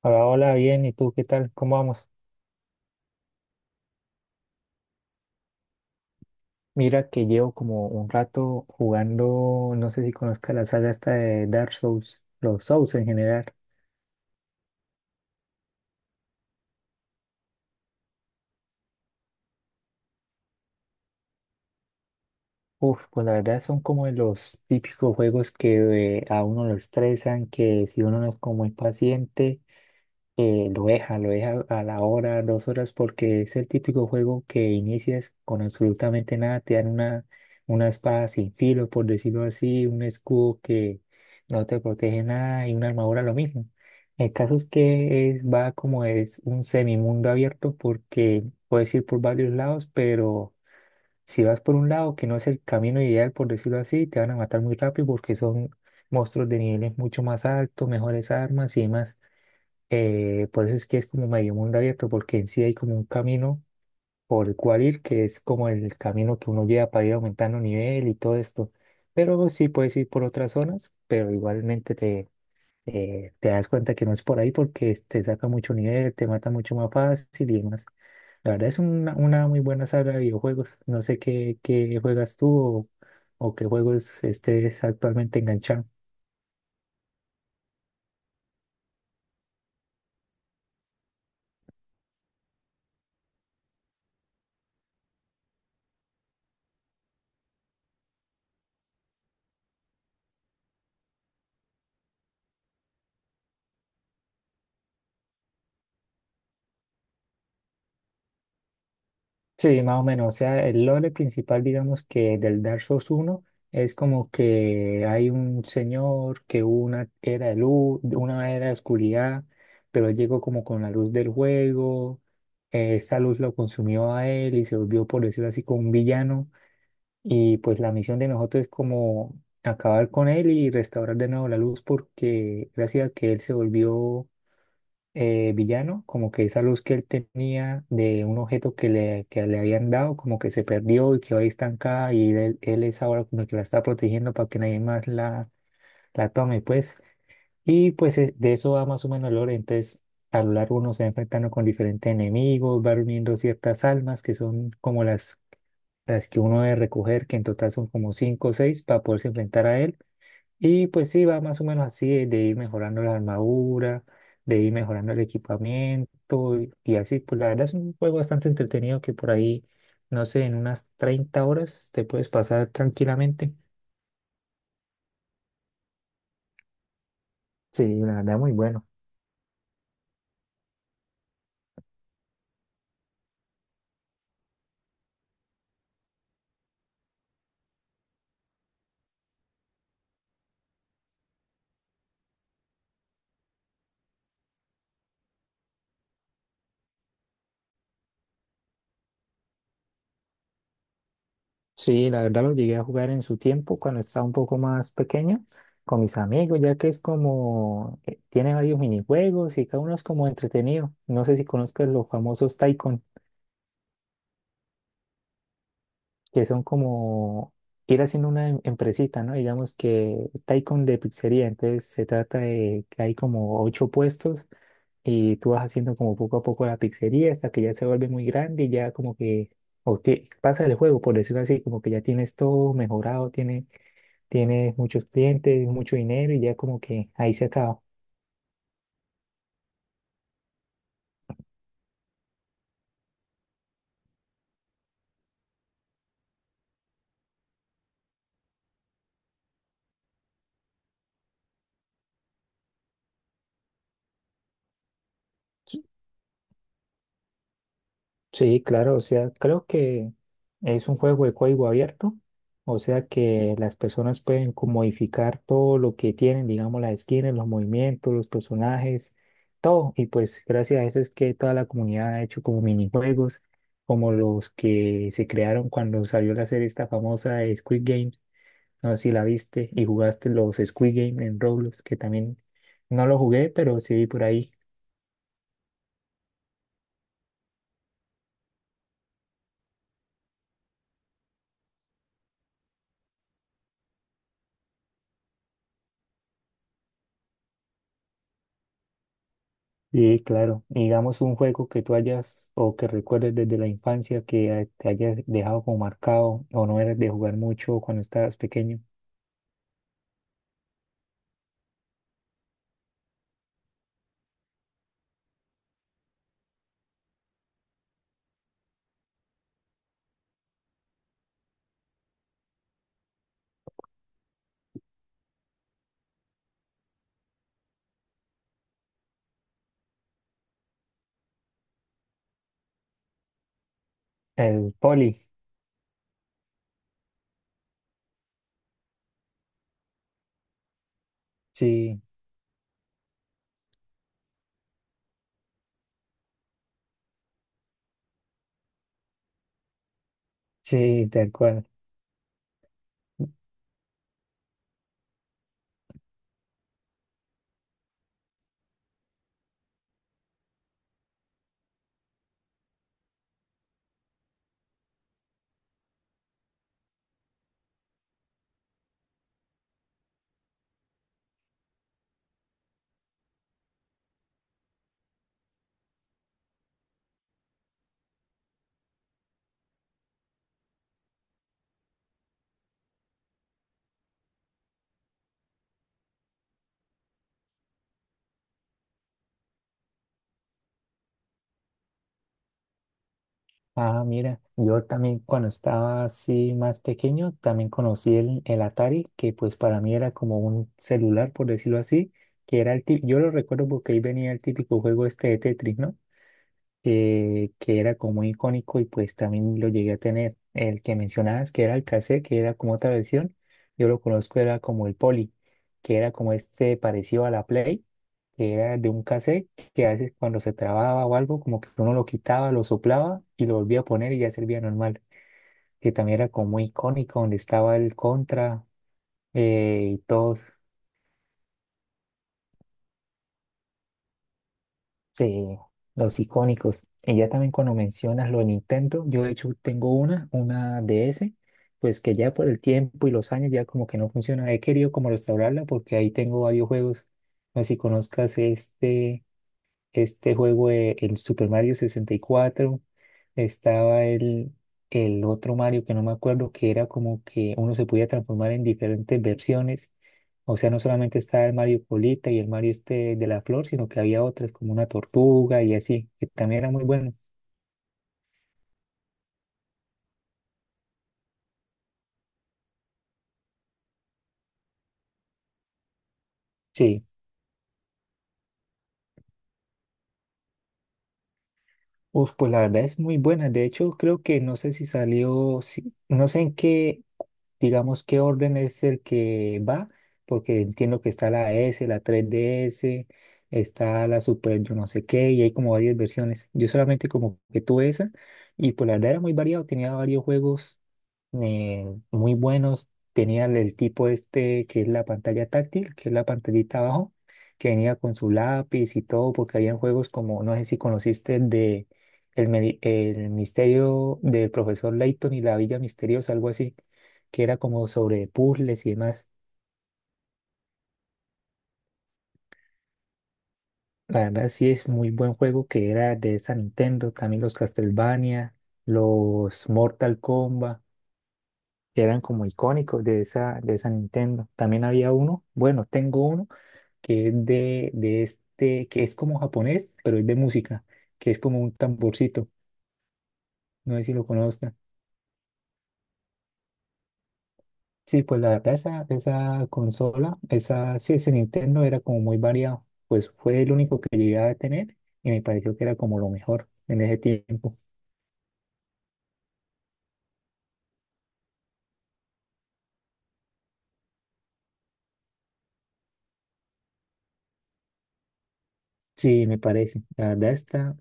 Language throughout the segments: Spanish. Hola, hola, bien, ¿y tú qué tal? ¿Cómo vamos? Mira que llevo como un rato jugando, no sé si conozcas la saga esta de Dark Souls, los Souls en general. Uf, pues la verdad son como de los típicos juegos que a uno lo estresan, que si uno no es como muy paciente, lo deja a la hora, 2 horas, porque es el típico juego que inicias con absolutamente nada, te dan una espada sin filo, por decirlo así, un escudo que no te protege nada y una armadura lo mismo. El caso es que es, va como es un semimundo abierto porque puedes ir por varios lados, pero si vas por un lado que no es el camino ideal, por decirlo así, te van a matar muy rápido porque son monstruos de niveles mucho más altos, mejores armas y demás. Por eso es que es como medio mundo abierto, porque en sí hay como un camino por el cual ir, que es como el camino que uno lleva para ir aumentando nivel y todo esto. Pero sí puedes ir por otras zonas, pero igualmente te das cuenta que no es por ahí porque te saca mucho nivel, te mata mucho más fácil y demás. La verdad es una muy buena saga de videojuegos. No sé qué juegas tú o qué juegos estés actualmente enganchado. Sí, más o menos. O sea, el lore principal, digamos que del Dark Souls uno, es como que hay un señor que hubo una era de luz, una era de oscuridad, pero él llegó como con la luz del juego. Esta luz lo consumió a él y se volvió, por decirlo así, como un villano. Y pues la misión de nosotros es como acabar con él y restaurar de nuevo la luz porque gracias a que él se volvió villano, como que esa luz que él tenía de un objeto que le habían dado, como que se perdió y quedó ahí estancada y él es ahora como el que la está protegiendo para que nadie más la tome, pues. Y pues de eso va más o menos el lore, entonces a lo largo uno se va enfrentando con diferentes enemigos, va reuniendo ciertas almas que son como las que uno debe recoger, que en total son como 5 o 6 para poderse enfrentar a él y pues sí, va más o menos así, de ir mejorando la armadura, de ir mejorando el equipamiento y así. Pues la verdad es un juego bastante entretenido que por ahí, no sé, en unas 30 horas te puedes pasar tranquilamente. Sí, la verdad muy bueno. Sí, la verdad lo llegué a jugar en su tiempo cuando estaba un poco más pequeño con mis amigos, ya que es como, tiene varios minijuegos y cada uno es como entretenido. No sé si conozcas los famosos Tycoon. Que son como ir haciendo una empresita, ¿no? Digamos que Taikon de pizzería, entonces se trata de que hay como 8 puestos y tú vas haciendo como poco a poco la pizzería hasta que ya se vuelve muy grande y ya como que o que pasa el juego, por decirlo así, como que ya tienes todo mejorado, tiene, tienes muchos clientes, mucho dinero y ya como que ahí se acaba. Sí, claro, o sea, creo que es un juego de código abierto, o sea que las personas pueden como modificar todo lo que tienen, digamos, las skins, los movimientos, los personajes, todo. Y pues gracias a eso es que toda la comunidad ha hecho como minijuegos, como los que se crearon cuando salió la serie esta famosa de Squid Game, no sé si la viste y jugaste los Squid Game en Roblox, que también no lo jugué, pero sí vi por ahí. Sí, claro. Digamos un juego que tú hayas o que recuerdes desde la infancia que te hayas dejado como marcado o no eras de jugar mucho cuando estabas pequeño. El poli. Sí, sí, tal cual. Ah, mira, yo también cuando estaba así más pequeño también conocí el Atari, que pues para mí era como un celular, por decirlo así, que era el típico, yo lo recuerdo porque ahí venía el típico juego este de Tetris, ¿no? Que era como muy icónico y pues también lo llegué a tener. El que mencionabas, que era el cassette, que era como otra versión, yo lo conozco, era como el Poly, que era como este parecido a la Play, que era de un cassette que a veces cuando se trababa o algo, como que uno lo quitaba, lo soplaba y lo volvía a poner y ya servía normal, que también era como muy icónico, donde estaba el Contra y todos. Sí, los icónicos. Y ya también cuando mencionas lo de Nintendo, yo de hecho tengo una DS, pues que ya por el tiempo y los años ya como que no funciona. He querido como restaurarla porque ahí tengo varios juegos. No sé si conozcas este, este juego, el Super Mario 64. Estaba el otro Mario que no me acuerdo, que era como que uno se podía transformar en diferentes versiones, o sea, no solamente estaba el Mario Polita y el Mario este de la flor, sino que había otras como una tortuga y así, que también era muy bueno. Sí. Uf, pues la verdad es muy buena. De hecho, creo que no sé si salió, no sé en qué, digamos, qué orden es el que va, porque entiendo que está la S, la 3DS, está la Super, yo no sé qué, y hay como varias versiones. Yo solamente como que tuve esa, y pues la verdad era muy variado, tenía varios juegos eh, muy buenos. Tenían el tipo este que es la pantalla táctil, que es la pantallita abajo, que venía con su lápiz y todo, porque habían juegos como, no sé si conociste, de el, el misterio del profesor Layton y la Villa Misteriosa, algo así, que era como sobre puzzles y demás. La verdad sí es muy buen juego que era de esa Nintendo, también los Castlevania, los Mortal Kombat que eran como icónicos de esa Nintendo. También había uno, bueno, tengo uno que es de este, que es como japonés, pero es de música, que es como un tamborcito. No sé si lo conozcan. Sí, pues la verdad, esa consola, esa, sí, ese Nintendo era como muy variado. Pues fue el único que llegué a tener y me pareció que era como lo mejor en ese tiempo. Sí, me parece. La verdad está,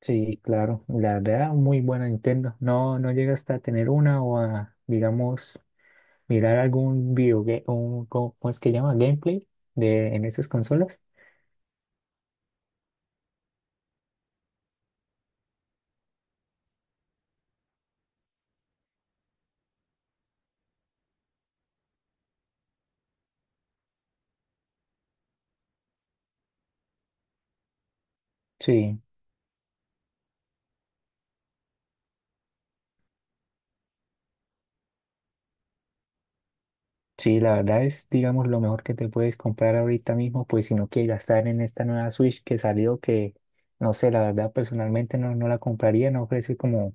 sí, claro. La verdad, muy buena Nintendo. No llega hasta tener una o a, digamos, mirar algún video, un, ¿cómo es que llama? Gameplay de, en esas consolas. Sí, sí, la verdad es, digamos, lo mejor que te puedes comprar ahorita mismo, pues si no quieres gastar en esta nueva Switch que salió, que no sé, la verdad personalmente no la compraría, no ofrece como,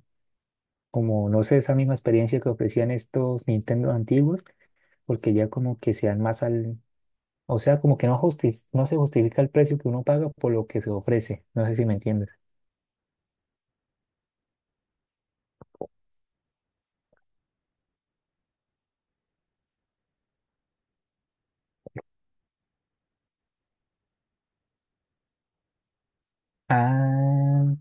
como, no sé, esa misma experiencia que ofrecían estos Nintendo antiguos, porque ya como que se dan más al, o sea, como que no no se justifica el precio que uno paga por lo que se ofrece, no sé si me entiendes. Ah.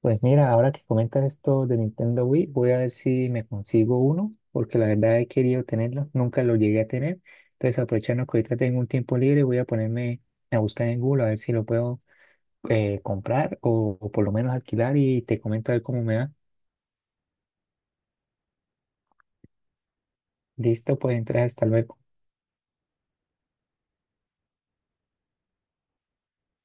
Pues mira, ahora que comentas esto de Nintendo Wii, voy a ver si me consigo uno, porque la verdad he querido tenerlo, nunca lo llegué a tener. Entonces, aprovechando que ahorita tengo un tiempo libre, voy a ponerme a buscar en Google a ver si lo puedo comprar o por lo menos alquilar y te comento a ver cómo me va. Listo, pues entonces hasta luego.